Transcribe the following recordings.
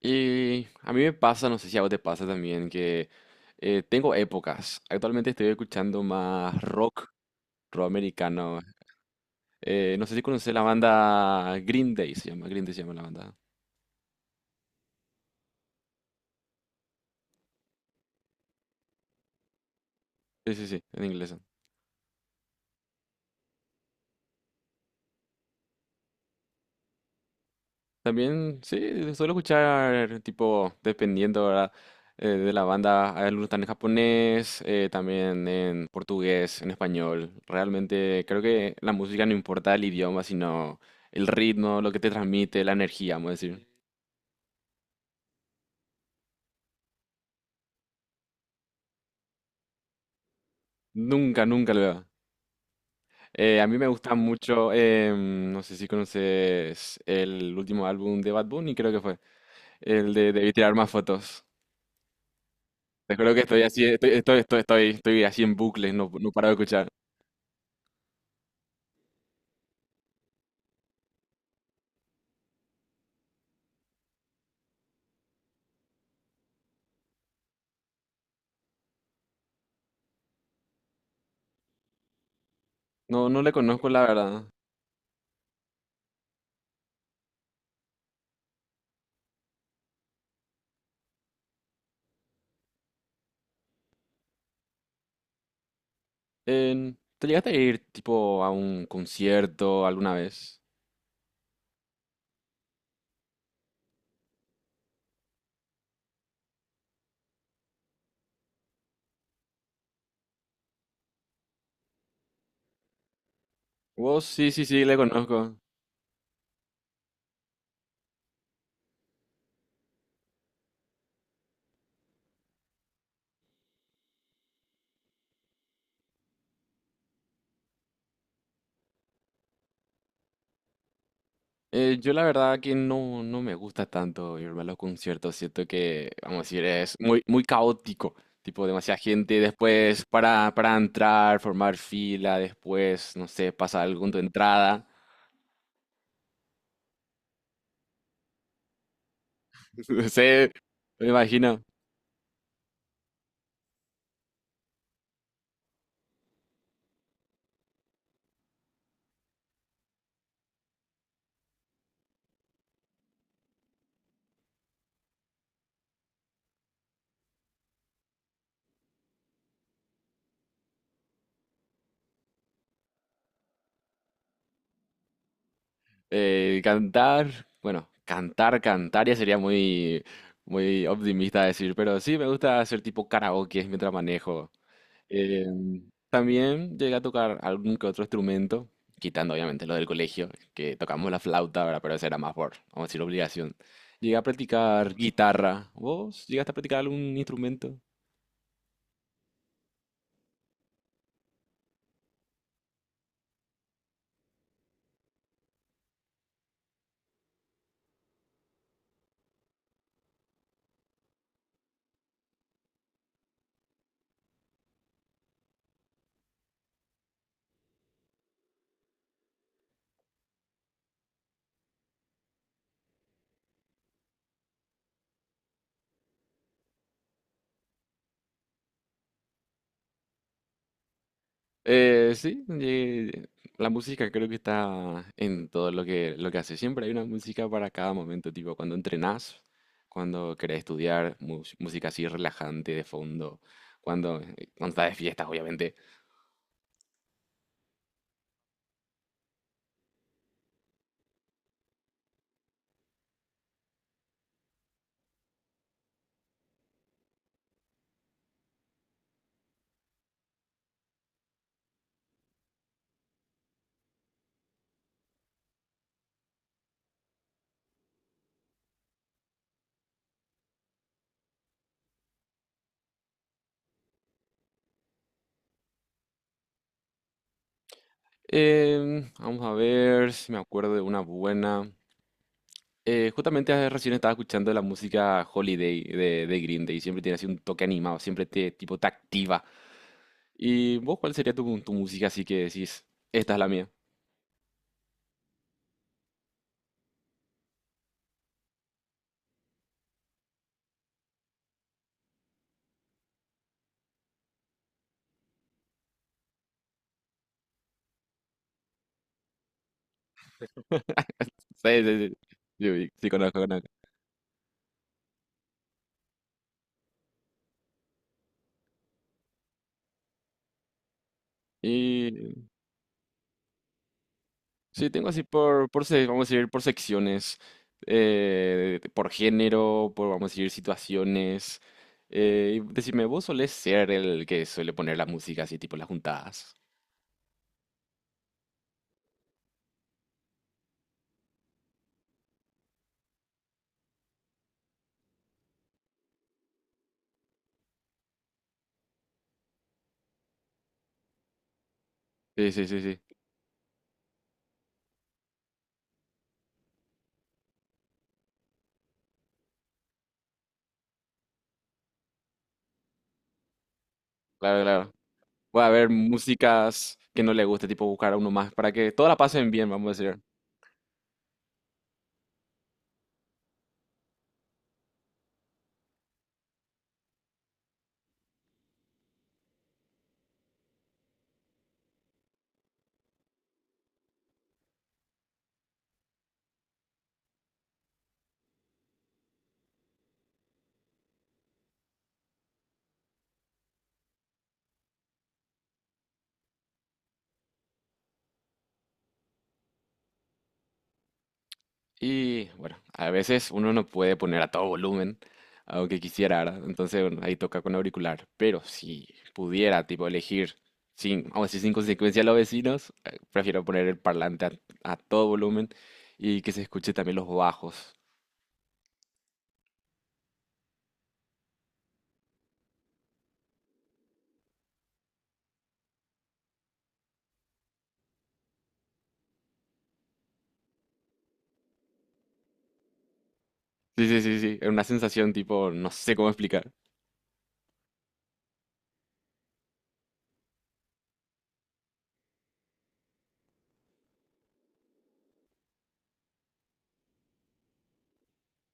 Y a mí me pasa, no sé si a vos te pasa también, que tengo épocas. Actualmente estoy escuchando más rock, rock americano. No sé si conoces la banda Green Day, se llama, Green Day se llama la banda. Sí, sí, sí, en inglés. También, sí, suelo escuchar, tipo, dependiendo, ¿verdad? De la banda, hay algunos están en japonés, también en portugués, en español. Realmente creo que la música no importa el idioma, sino el ritmo, lo que te transmite, la energía, vamos a decir. Nunca, nunca lo veo. A mí me gusta mucho, no sé si conoces el último álbum de Bad Bunny, creo que fue, el de Debí tirar más fotos. Te juro que estoy así, estoy así en bucle, no, no paro de escuchar. No, no le conozco la verdad. ¿Te llegaste a ir tipo a un concierto alguna vez? Vos sí, sí, sí, le conozco. Yo la verdad que no, no me gusta tanto irme a los conciertos, siento que, vamos a decir, es muy, muy caótico, tipo demasiada gente después para entrar, formar fila, después, no sé, pasa algo con tu entrada, no sé, me imagino, cantar, bueno, cantar ya sería muy, muy optimista decir, pero sí me gusta hacer tipo karaoke mientras manejo. Eh, También llegué a tocar algún que otro instrumento, quitando obviamente lo del colegio, que tocamos la flauta, ¿verdad? Pero eso era más por, vamos a decir, obligación. Llegué a practicar guitarra. ¿Vos llegaste a practicar algún instrumento? Sí, la música creo que está en todo lo que hace. Siempre hay una música para cada momento, tipo cuando entrenás, cuando querés estudiar, música así relajante de fondo, cuando, cuando estás de fiestas, obviamente. Vamos a ver si me acuerdo de una buena. Justamente recién estaba escuchando la música Holiday de Green Day. Siempre tiene así un toque animado, siempre te, tipo, te activa. ¿Y vos cuál sería tu, tu música así que decís, esta es la mía? Sí, sí, sí. Sí, sí, sí, conozco, conozco. Y sí, tengo así por, por, vamos a decir, por secciones, por género, por, vamos a decir, situaciones. Y decime, ¿vos solés ser el que suele poner la música así, tipo, en las juntadas? Sí, sí, sí, sí. Claro, claro. Va a haber músicas que no le guste, tipo buscar a uno más, para que todas la pasen bien, vamos a decir. Y bueno, a veces uno no puede poner a todo volumen, aunque quisiera, ¿verdad? Entonces, bueno, ahí toca con auricular. Pero si pudiera, tipo, elegir sin, vamos a decir, sin consecuencia a los vecinos, prefiero poner el parlante a todo volumen y que se escuche también los bajos. Sí, sí, sí, sí. Es una sensación tipo, no sé cómo explicar.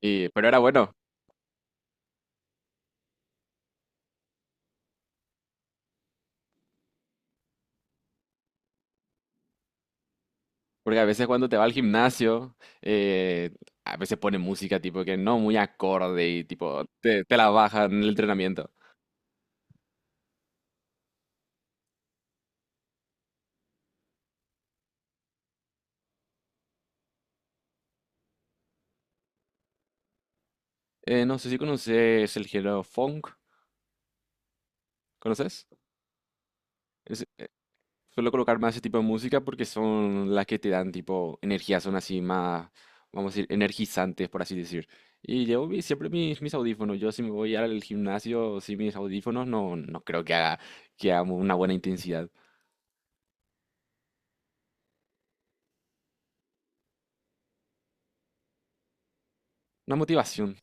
Y, pero era bueno, porque a veces cuando te va al gimnasio, a veces pone música tipo que no muy acorde y tipo te, te la baja en el entrenamiento. No sé si conoces el género funk, ¿conoces? Es- Suelo colocar más ese tipo de música porque son las que te dan tipo energía, son así más, vamos a decir, energizantes, por así decir. Y llevo siempre mis, mis audífonos. Yo si me voy al gimnasio sin mis audífonos, no, no creo que haga una buena intensidad. Una motivación.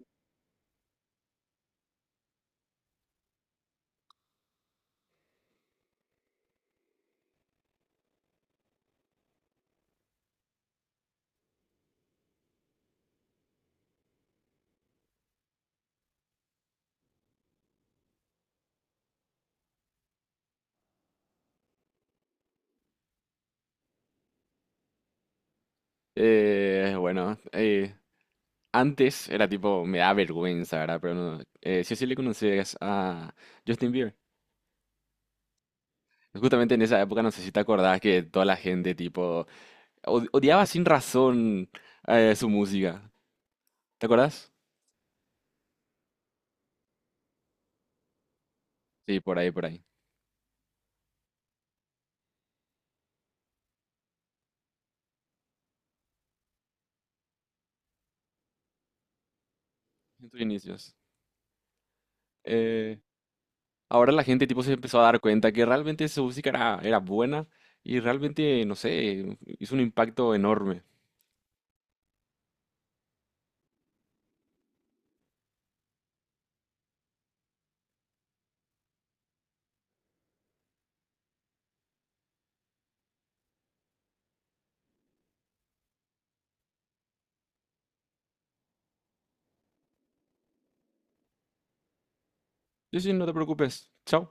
Bueno, antes era tipo, me da vergüenza, ¿verdad? Pero no, sí o sí le conocías a Justin Bieber. Justamente en esa época, no sé si te acordás que toda la gente, tipo, odiaba sin razón su música. ¿Te acordás? Sí, por ahí, por ahí. En tus inicios. Eh, Ahora la gente, tipo, se empezó a dar cuenta que realmente su música era, era buena y realmente, no sé, hizo un impacto enorme. Sí, sí, no te preocupes. Chao.